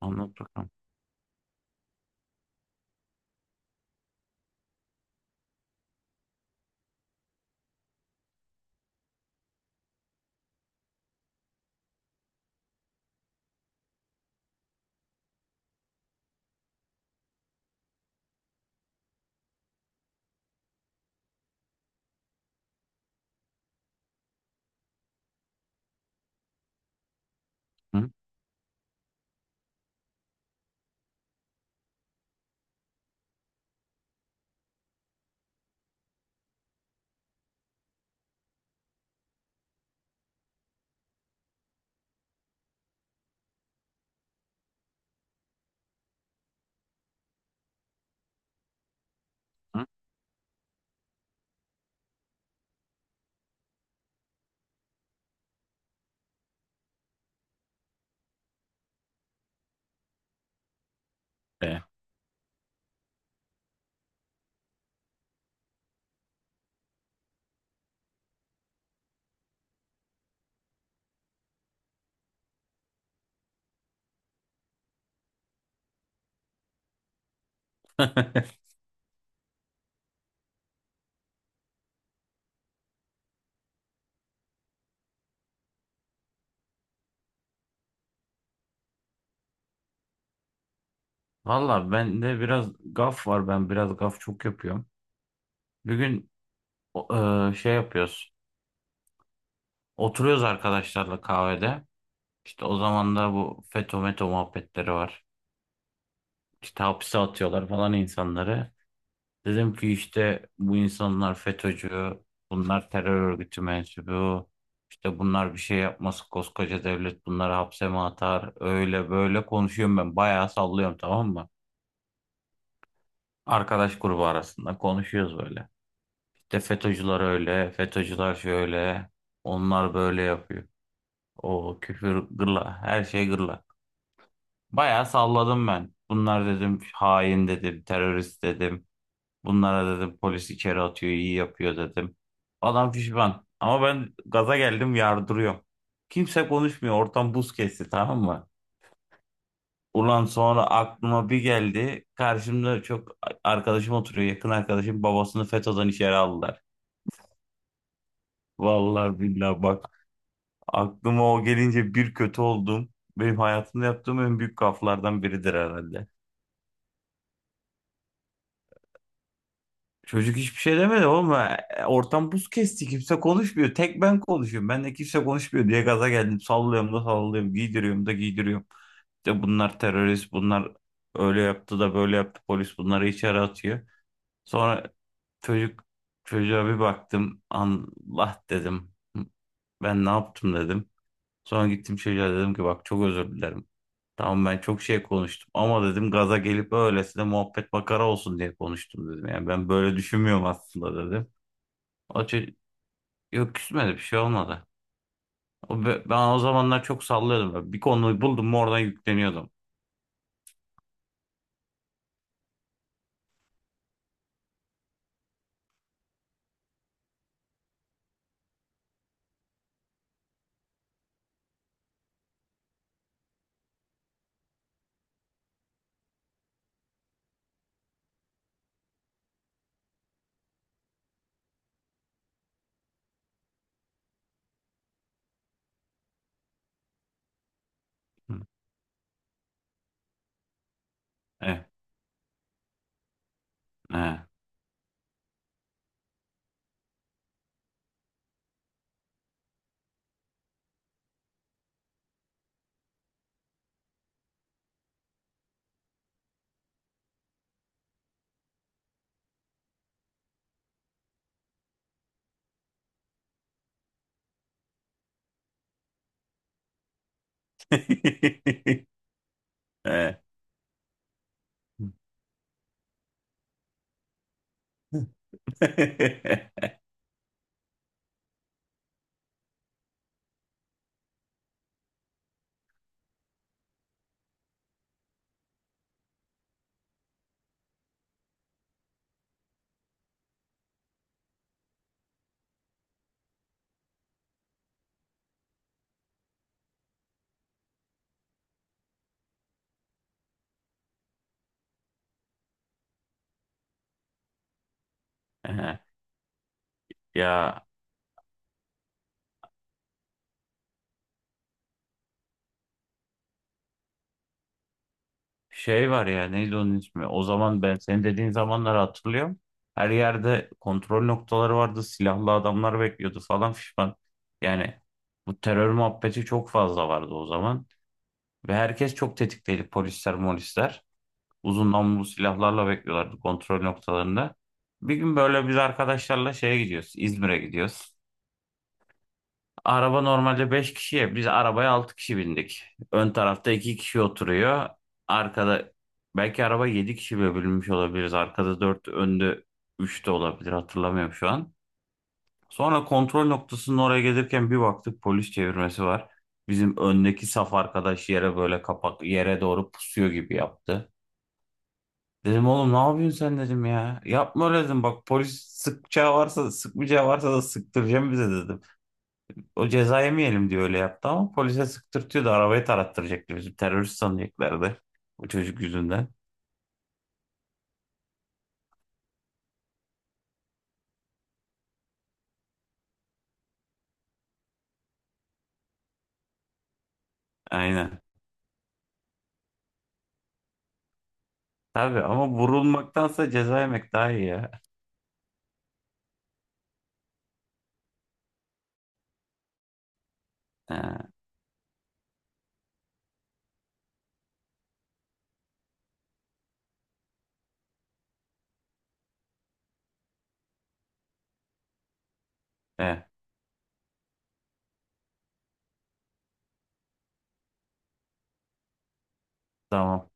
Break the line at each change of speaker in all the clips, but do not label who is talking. Anlat bakalım. Hı? Hı? E. Valla bende biraz gaf var. Ben biraz gaf çok yapıyorum. Bir gün o- şey yapıyoruz. Oturuyoruz arkadaşlarla kahvede. İşte o zaman da bu FETÖ METO muhabbetleri var. İşte hapse atıyorlar falan insanları. Dedim ki işte bu insanlar FETÖ'cü, bunlar terör örgütü mensubu. İşte bunlar bir şey yapması koskoca devlet bunları hapse mi atar? Öyle böyle konuşuyorum ben. Bayağı sallıyorum, tamam mı? Arkadaş grubu arasında konuşuyoruz böyle. İşte FETÖ'cüler öyle, FETÖ'cüler şöyle, onlar böyle yapıyor. O küfür gırla, her şey gırla. Bayağı salladım ben. Bunlar dedim hain dedim, terörist dedim. Bunlara dedim polis içeri atıyor, iyi yapıyor dedim. Adam pişman. Ama ben gaza geldim, yardırıyorum. Kimse konuşmuyor. Ortam buz kesti, tamam mı? Ulan sonra aklıma bir geldi. Karşımda çok arkadaşım oturuyor. Yakın arkadaşım babasını FETÖ'den içeri aldılar. Vallahi billahi bak, aklıma o gelince bir kötü oldum. Benim hayatımda yaptığım en büyük gaflardan biridir herhalde. Çocuk hiçbir şey demedi oğlum. E, ortam buz kesti. Kimse konuşmuyor. Tek ben konuşuyorum. Ben de kimse konuşmuyor diye gaza geldim. Sallıyorum da sallıyorum. Giydiriyorum da giydiriyorum. İşte bunlar terörist. Bunlar öyle yaptı da böyle yaptı. Polis bunları içeri atıyor. Sonra çocuk, çocuğa bir baktım. Allah dedim. Ben ne yaptım dedim. Sonra gittim çocuğa dedim ki, bak çok özür dilerim. Tamam ben çok şey konuştum ama dedim, gaza gelip öylesine muhabbet makara olsun diye konuştum dedim. Yani ben böyle düşünmüyorum aslında dedim. O ço- Yok, küsmedi, bir şey olmadı. Ben o zamanlar çok sallıyordum. Böyle bir konuyu buldum mu oradan yükleniyordum. Hı. Eh, eh. Eh. Eh. Ya, şey var ya, neydi onun ismi? O zaman ben senin dediğin zamanları hatırlıyorum. Her yerde kontrol noktaları vardı. Silahlı adamlar bekliyordu falan fişman. Yani bu terör muhabbeti çok fazla vardı o zaman. Ve herkes çok tetikteydi. Polisler, molisler. Uzun namlulu silahlarla bekliyorlardı kontrol noktalarında. Bir gün böyle biz arkadaşlarla şeye gidiyoruz. İzmir'e gidiyoruz. Araba normalde 5 kişiye. Biz arabaya 6 kişi bindik. Ön tarafta 2 kişi oturuyor. Arkada belki araba 7 kişi bile bölünmüş olabiliriz. Arkada 4, önde 3 de olabilir. Hatırlamıyorum şu an. Sonra kontrol noktasının oraya gelirken bir baktık, polis çevirmesi var. Bizim öndeki saf arkadaş yere böyle kapak, yere doğru pusuyor gibi yaptı. Dedim oğlum ne yapıyorsun sen dedim ya. Yapma öyle dedim. Bak polis sıkacağı varsa sıkmayacağı varsa da sıktıracağım bize dedim. O ceza yemeyelim diye öyle yaptı ama polise sıktırtıyordu. Arabayı tarattıracaktı bizi. Terörist sanacaklardı. O çocuk yüzünden. Aynen. Tabii ama vurulmaktansa ceza yemek daha iyi ya. Ha, e, tamam.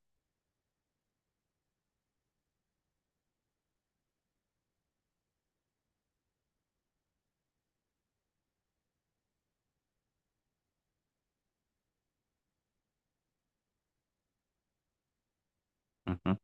Hı hı,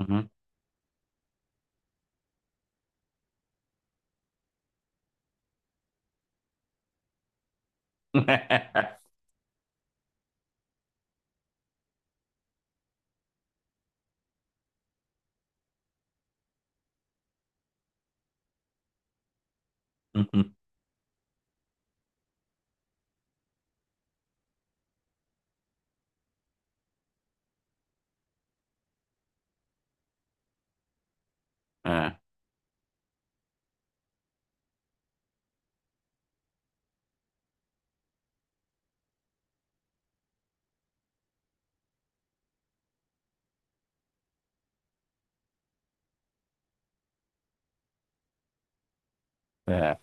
hı hı. Hı hı, e, e.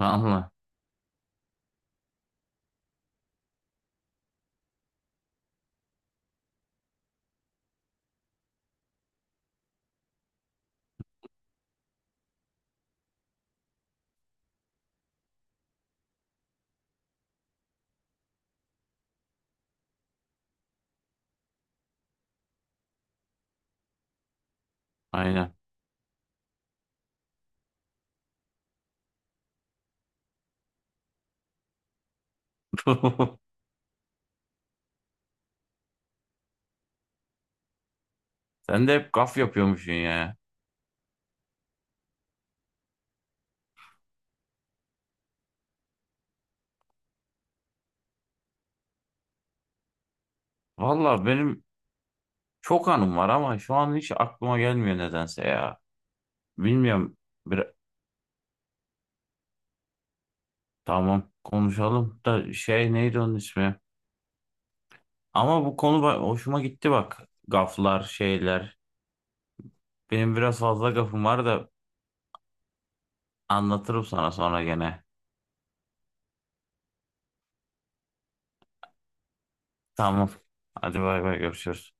Vallahi. Aynen. Sen de hep gaf yapıyormuşsun ya. Valla benim çok anım var ama şu an hiç aklıma gelmiyor nedense ya. Bilmiyorum. Bir... Tamam konuşalım da şey, neydi onun ismi? Ama bu konu hoşuma gitti bak. Gaflar, şeyler. Benim biraz fazla gafım var da anlatırım sana sonra gene. Tamam. Hadi bay bay, görüşürüz.